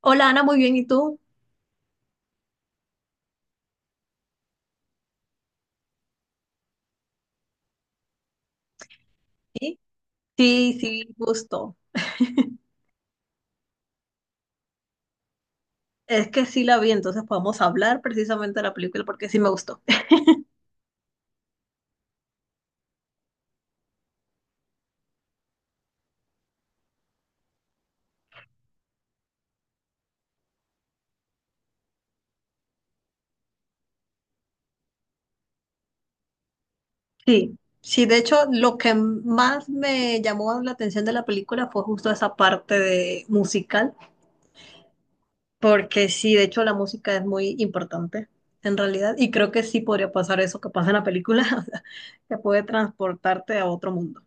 Hola Ana, muy bien, ¿y tú? ¿Sí? Sí, sí, gusto. Es que sí la vi, entonces podemos hablar precisamente de la película porque sí me gustó. Sí, sí, de hecho, lo que más me llamó la atención de la película fue justo esa parte de musical, porque sí, de hecho, la música es muy importante en realidad, y creo que sí podría pasar eso que pasa en la película, o sea, que puede transportarte a otro mundo.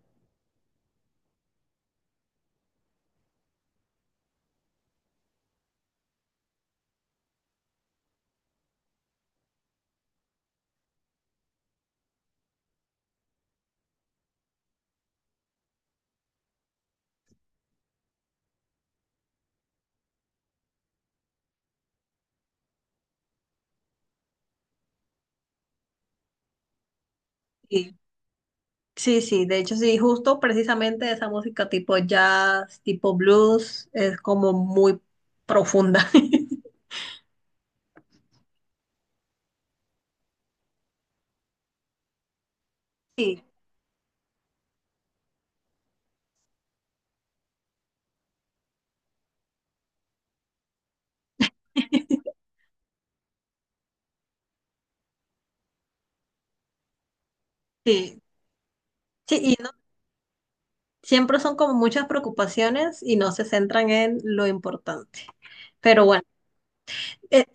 Sí, sí, de hecho sí, justo precisamente esa música tipo jazz, tipo blues, es como muy profunda. Sí, sí, sí, y no, siempre son como muchas preocupaciones y no se centran en lo importante. Pero bueno, eh,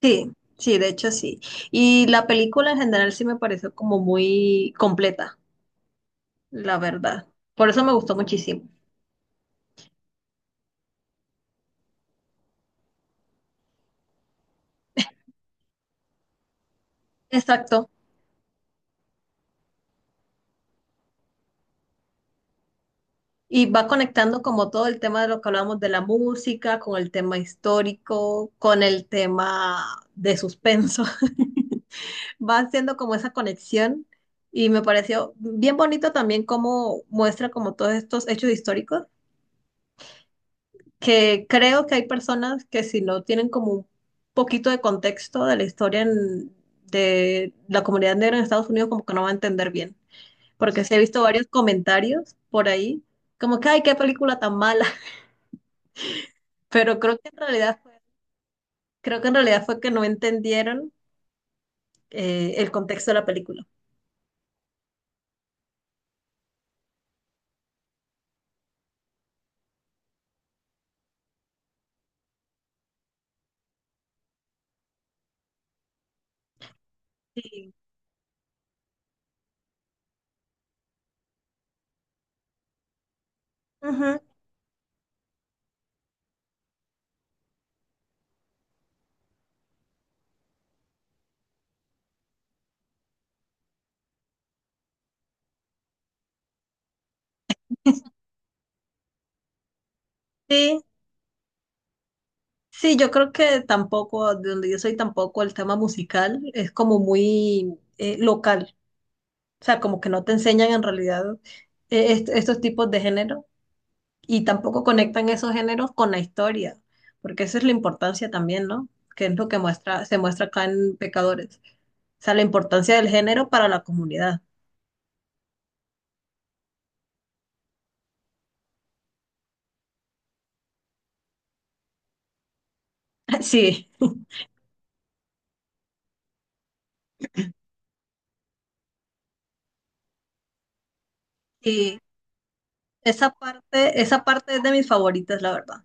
sí, sí, de hecho sí. Y la película en general sí me pareció como muy completa, la verdad. Por eso me gustó muchísimo. Exacto. Y va conectando como todo el tema de lo que hablamos de la música, con el tema histórico, con el tema de suspenso. Va haciendo como esa conexión y me pareció bien bonito también cómo muestra como todos estos hechos históricos, que creo que hay personas que si no tienen como un poquito de contexto de la historia de la comunidad negra en Estados Unidos, como que no va a entender bien. Porque sí he visto varios comentarios por ahí, como que, ay, qué película tan mala. Pero creo que en realidad fue, creo que en realidad fue que no entendieron el contexto de la película. Sí. Ujú. Sí, sí, yo creo que tampoco, de donde yo soy tampoco, el tema musical es como muy local. O sea, como que no te enseñan en realidad estos tipos de género y tampoco conectan esos géneros con la historia, porque esa es la importancia también, ¿no? Que es lo que muestra, se muestra acá en Pecadores. O sea, la importancia del género para la comunidad. Sí. Sí. Esa parte es de mis favoritas, la verdad,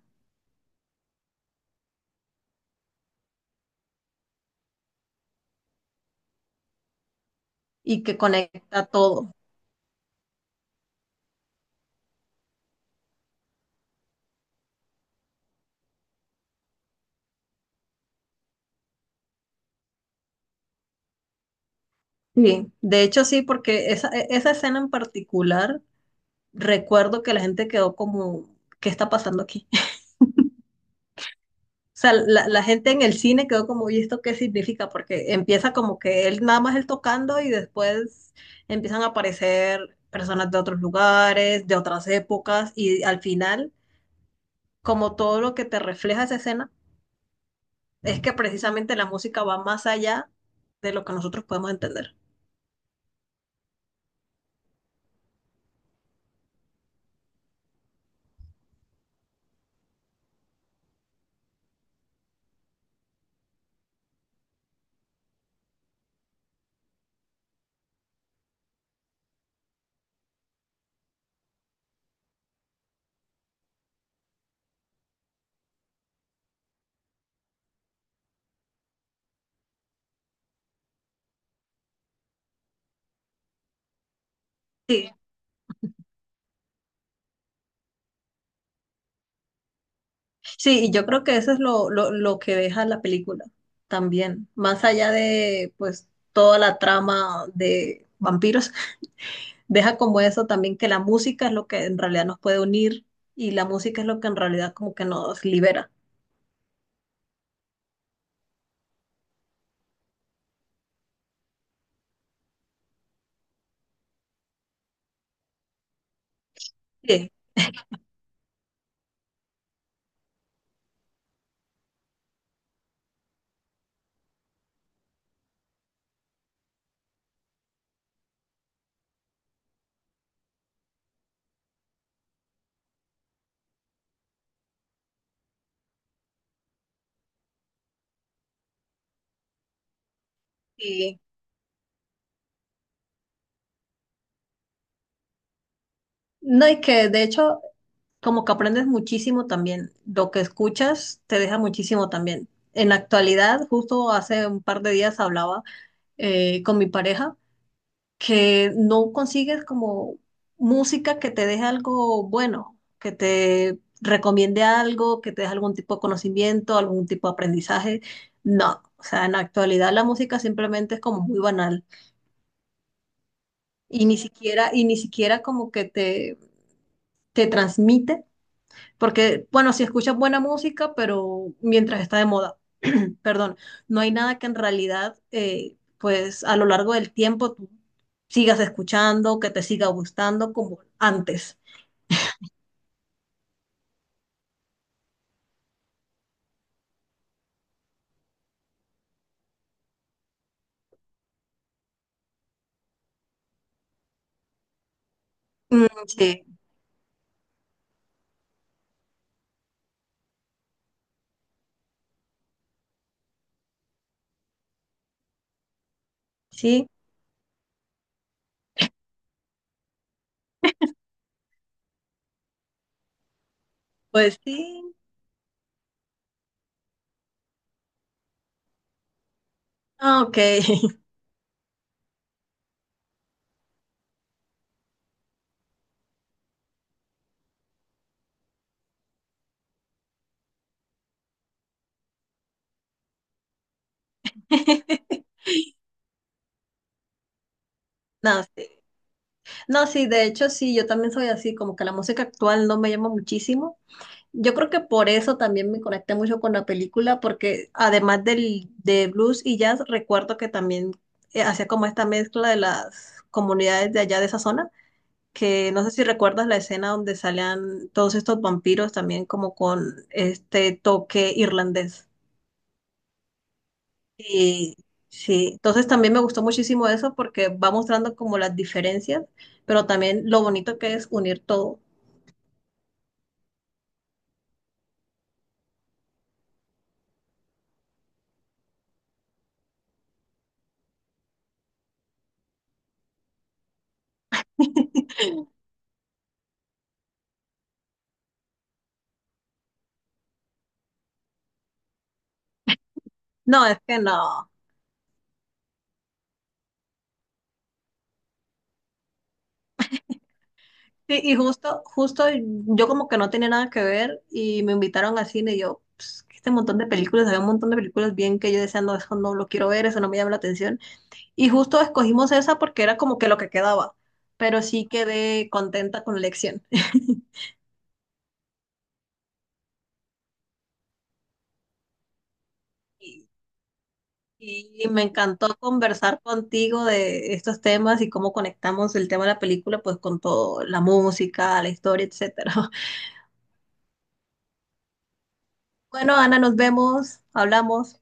y que conecta todo. Sí, de hecho sí, porque esa, esa escena en particular, recuerdo que la gente quedó como, ¿qué está pasando aquí? O sea, la gente en el cine quedó como, ¿y esto qué significa? Porque empieza como que él nada más él tocando y después empiezan a aparecer personas de otros lugares, de otras épocas, y al final, como todo lo que te refleja esa escena, es que precisamente la música va más allá de lo que nosotros podemos entender. Sí, sí, y yo creo que eso es lo que deja la película también, más allá de pues toda la trama de vampiros, deja como eso también que la música es lo que en realidad nos puede unir y la música es lo que en realidad como que nos libera. Sí, sí. No, y que de hecho como que aprendes muchísimo también, lo que escuchas te deja muchísimo también. En la actualidad, justo hace un par de días hablaba con mi pareja, que no consigues como música que te deje algo bueno, que te recomiende algo, que te deje algún tipo de conocimiento, algún tipo de aprendizaje. No, o sea, en la actualidad la música simplemente es como muy banal y ni siquiera como que te transmite, porque bueno, si escuchas buena música, pero mientras está de moda. Perdón, no hay nada que en realidad, pues a lo largo del tiempo tú sigas escuchando, que te siga gustando como antes. Mm, sí, sí, pues sí. Ah, ok. No, sí. No, sí, de hecho sí, yo también soy así, como que la música actual no me llama muchísimo. Yo creo que por eso también me conecté mucho con la película, porque además del, de blues y jazz, recuerdo que también hacía como esta mezcla de las comunidades de allá de esa zona. Que no sé si recuerdas la escena donde salían todos estos vampiros también como con este toque irlandés. Sí, sí. Entonces también me gustó muchísimo eso porque va mostrando como las diferencias, pero también lo bonito que es unir todo. No, es que no. Sí, y justo, justo yo como que no tenía nada que ver y me invitaron al cine y yo, "Ps, este montón de películas, había un montón de películas bien que yo decía, no, eso no lo quiero ver, eso no me llama la atención. Y justo escogimos esa porque era como que lo que quedaba, pero sí quedé contenta con la elección. Y me encantó conversar contigo de estos temas y cómo conectamos el tema de la película, pues con todo, la música, la historia, etcétera. Bueno, Ana, nos vemos, hablamos.